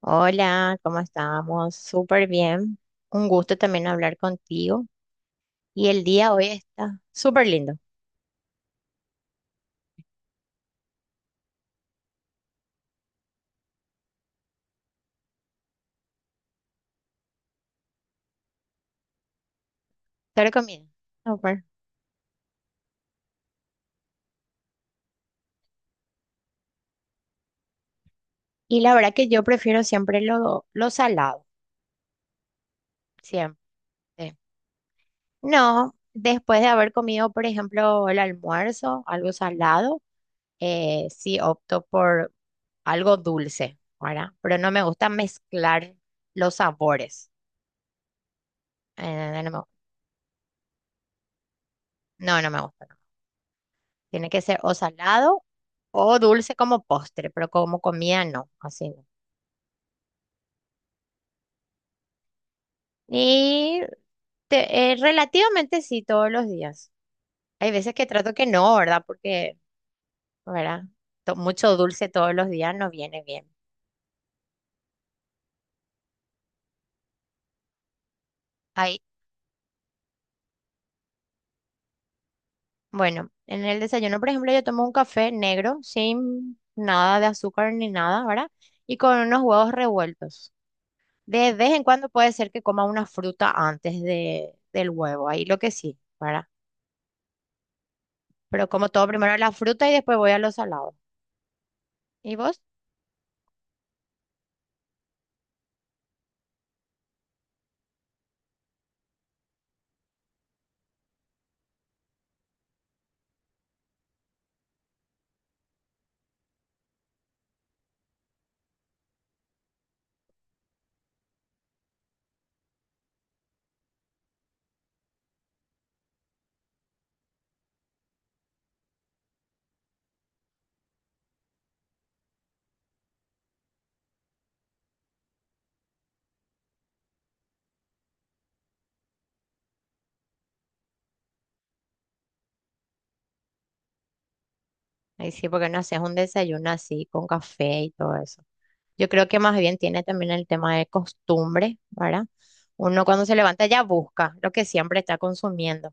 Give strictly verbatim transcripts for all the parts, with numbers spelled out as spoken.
Hola, ¿cómo estamos? Súper bien. Un gusto también hablar contigo. Y el día hoy está súper lindo. Te recomiendo. Súper. Y la verdad que yo prefiero siempre lo, lo salado, siempre. No, después de haber comido, por ejemplo, el almuerzo, algo salado, eh, sí opto por algo dulce, ¿verdad? Pero no me gusta mezclar los sabores. Eh, no, me- no, no me gusta. Tiene que ser o salado o dulce como postre, pero como comida no, así no. Y te- eh, relativamente sí, todos los días. Hay veces que trato que no, ¿verdad? Porque, ¿verdad? To- mucho dulce todos los días no viene bien. Ahí, bueno, en el desayuno, por ejemplo, yo tomo un café negro sin nada de azúcar ni nada, ¿verdad? Y con unos huevos revueltos. De vez en cuando puede ser que coma una fruta antes de, del huevo, ahí lo que sí, ¿verdad? Pero como todo, primero la fruta y después voy a los salados. ¿Y vos? Ahí sí, porque no haces un desayuno así con café y todo eso. Yo creo que más bien tiene también el tema de costumbre, ¿verdad? Uno cuando se levanta ya busca lo que siempre está consumiendo.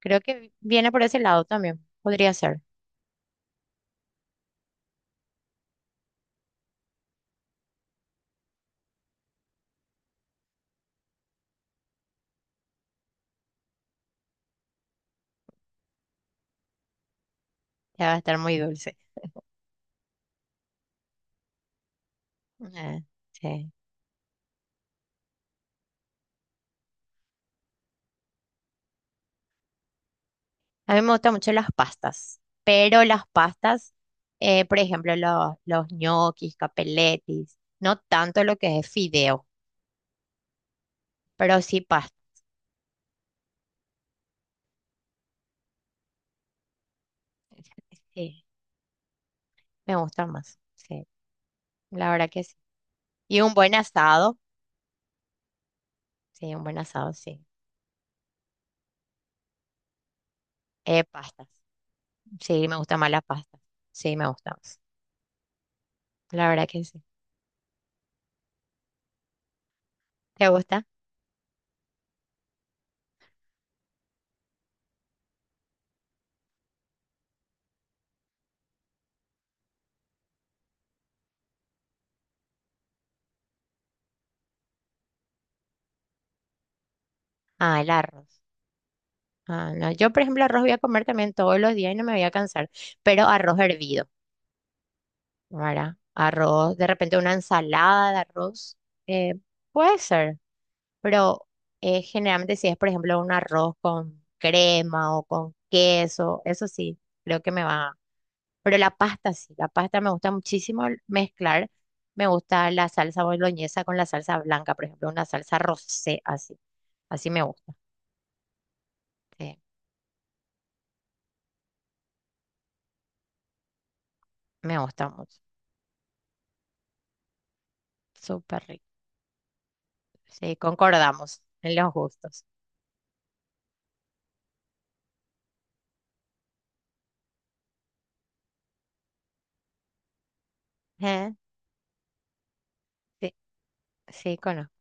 Creo que viene por ese lado también. Podría ser. Ya va a estar muy dulce. Eh, sí. A mí me gustan mucho las pastas, pero las pastas, eh, por ejemplo, los, los ñoquis, capeletis, no tanto lo que es fideo, pero sí pastas. Me gusta más, sí, la verdad que sí. Y un buen asado, sí, un buen asado, sí. Eh, pastas, sí, me gusta más la pasta, sí, me gusta más, la verdad que sí. ¿Te gusta? Ah, el arroz. Ah, no, yo por ejemplo arroz voy a comer también todos los días y no me voy a cansar, pero arroz hervido, ¿verdad? Arroz, de repente una ensalada de arroz, eh, puede ser, pero eh, generalmente si es por ejemplo un arroz con crema o con queso, eso sí, creo que me va. Pero la pasta sí, la pasta me gusta muchísimo mezclar. Me gusta la salsa boloñesa con la salsa blanca, por ejemplo, una salsa rosé, así. Así me gusta. Sí, me gusta mucho. Súper rico. Sí, concordamos en los gustos. Eh, Sí, sí, conozco.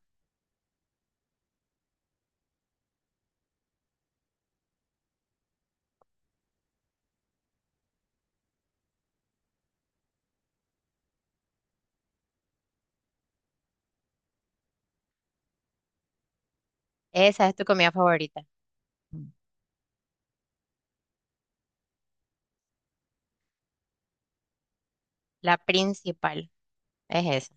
Esa es tu comida favorita. Mm. La principal es esa.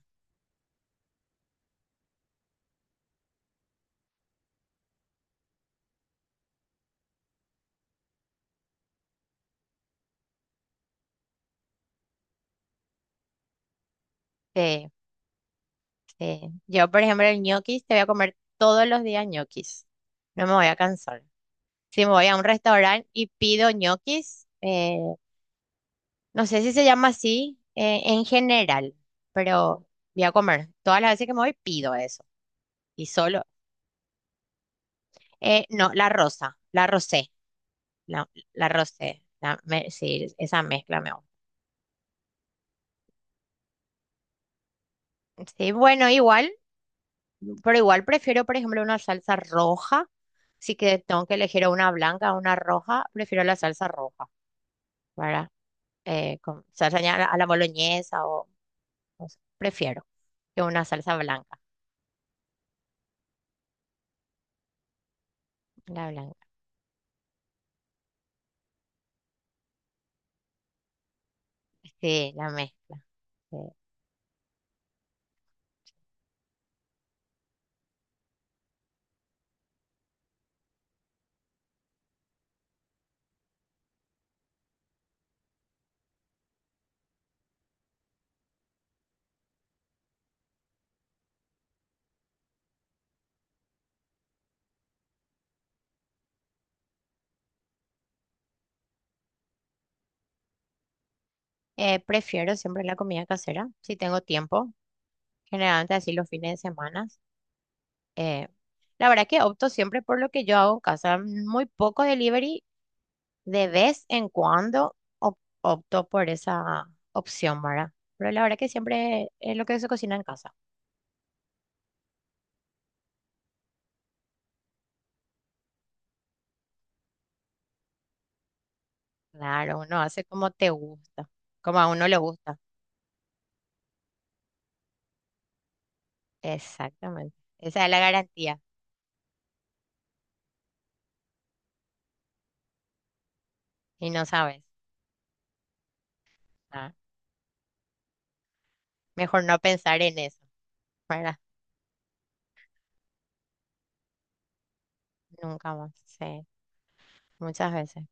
Sí, sí. Yo, por ejemplo, el ñoquis, te voy a comer todos los días ñoquis. No me voy a cansar. Si me voy a un restaurante y pido ñoquis, eh, no sé si se llama así eh, en general, pero voy a comer. Todas las veces que me voy pido eso. Y solo, eh, no, la rosa, la rosé, la, la rosé, la me- sí, esa mezcla me gusta. Sí, bueno, igual, pero igual prefiero, por ejemplo, una salsa roja. Si que tengo que elegir una blanca o una roja, prefiero la salsa roja, ¿verdad? Eh, con salsa ya a la, a la boloñesa o, no sé, prefiero que una salsa blanca. La blanca, sí, la mezcla. Sí. Eh, prefiero siempre la comida casera, si tengo tiempo, generalmente así los fines de semana. Eh, la verdad que opto siempre por lo que yo hago en casa, mm, muy poco delivery, de vez en cuando op- opto por esa opción, ¿verdad? Pero la verdad que siempre es lo que se cocina en casa. Claro, uno hace como te gusta, como a uno le gusta. Exactamente, esa es la garantía y no sabes. Ah, mejor no pensar en eso, ¿verdad? Nunca más, sí, muchas veces.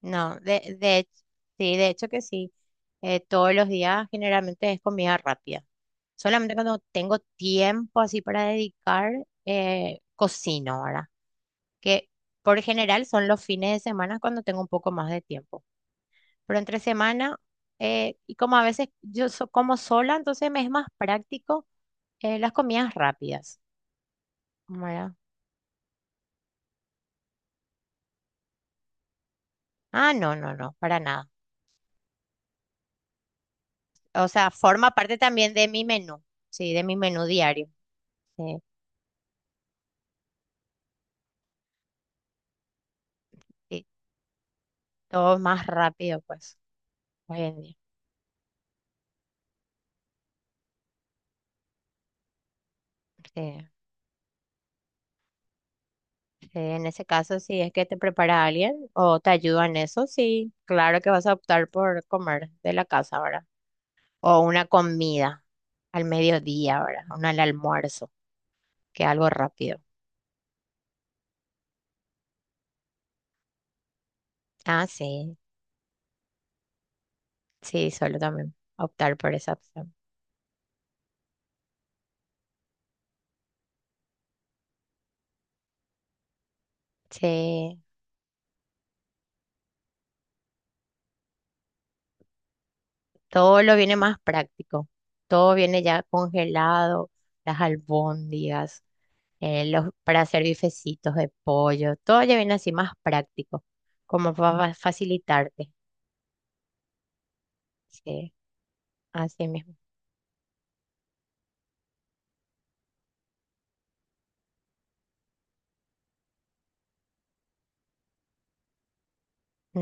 No, de, de, hech- sí, de hecho que sí. Eh, todos los días generalmente es comida rápida. Solamente cuando tengo tiempo así para dedicar, eh, cocino ahora. Que por general son los fines de semana cuando tengo un poco más de tiempo. Pero entre semana, eh, y como a veces yo so- como sola, entonces me es más práctico eh, las comidas rápidas. ¿Verdad? Ah, no, no, no, para nada. O sea, forma parte también de mi menú, sí, de mi menú diario. Sí. Sí. Todo más rápido, pues, hoy en día. Porque, eh, en ese caso, si es que te prepara alguien o te ayuda en eso, sí, claro que vas a optar por comer de la casa ahora. O una comida al mediodía ahora, una al almuerzo, que algo rápido. Ah, sí, sí, solo también optar por esa opción. Sí, todo lo viene más práctico. Todo viene ya congelado, las albóndigas. eh, los, para hacer bifecitos de pollo, todo ya viene así más práctico, como para facilitarte. Sí, así mismo.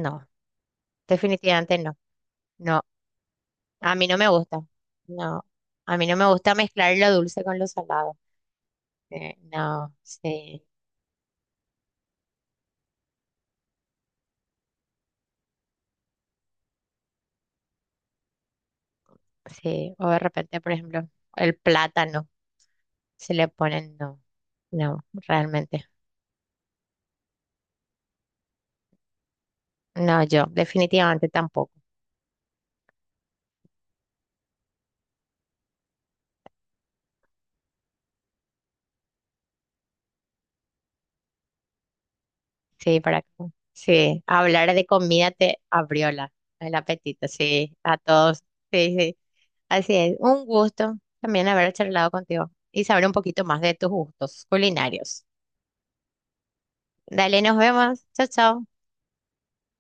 No, definitivamente no. No, a mí no me gusta. No, a mí no me gusta mezclar lo dulce con lo salado. Eh, no, sí, sí. O de repente, por ejemplo, el plátano se le ponen, no, no, realmente. No, yo definitivamente tampoco. Sí, para sí, hablar de comida te abrió la, el apetito, sí, a todos. Sí, sí, así es. Un gusto también haber charlado contigo y saber un poquito más de tus gustos culinarios. Dale, nos vemos. Chao, chao.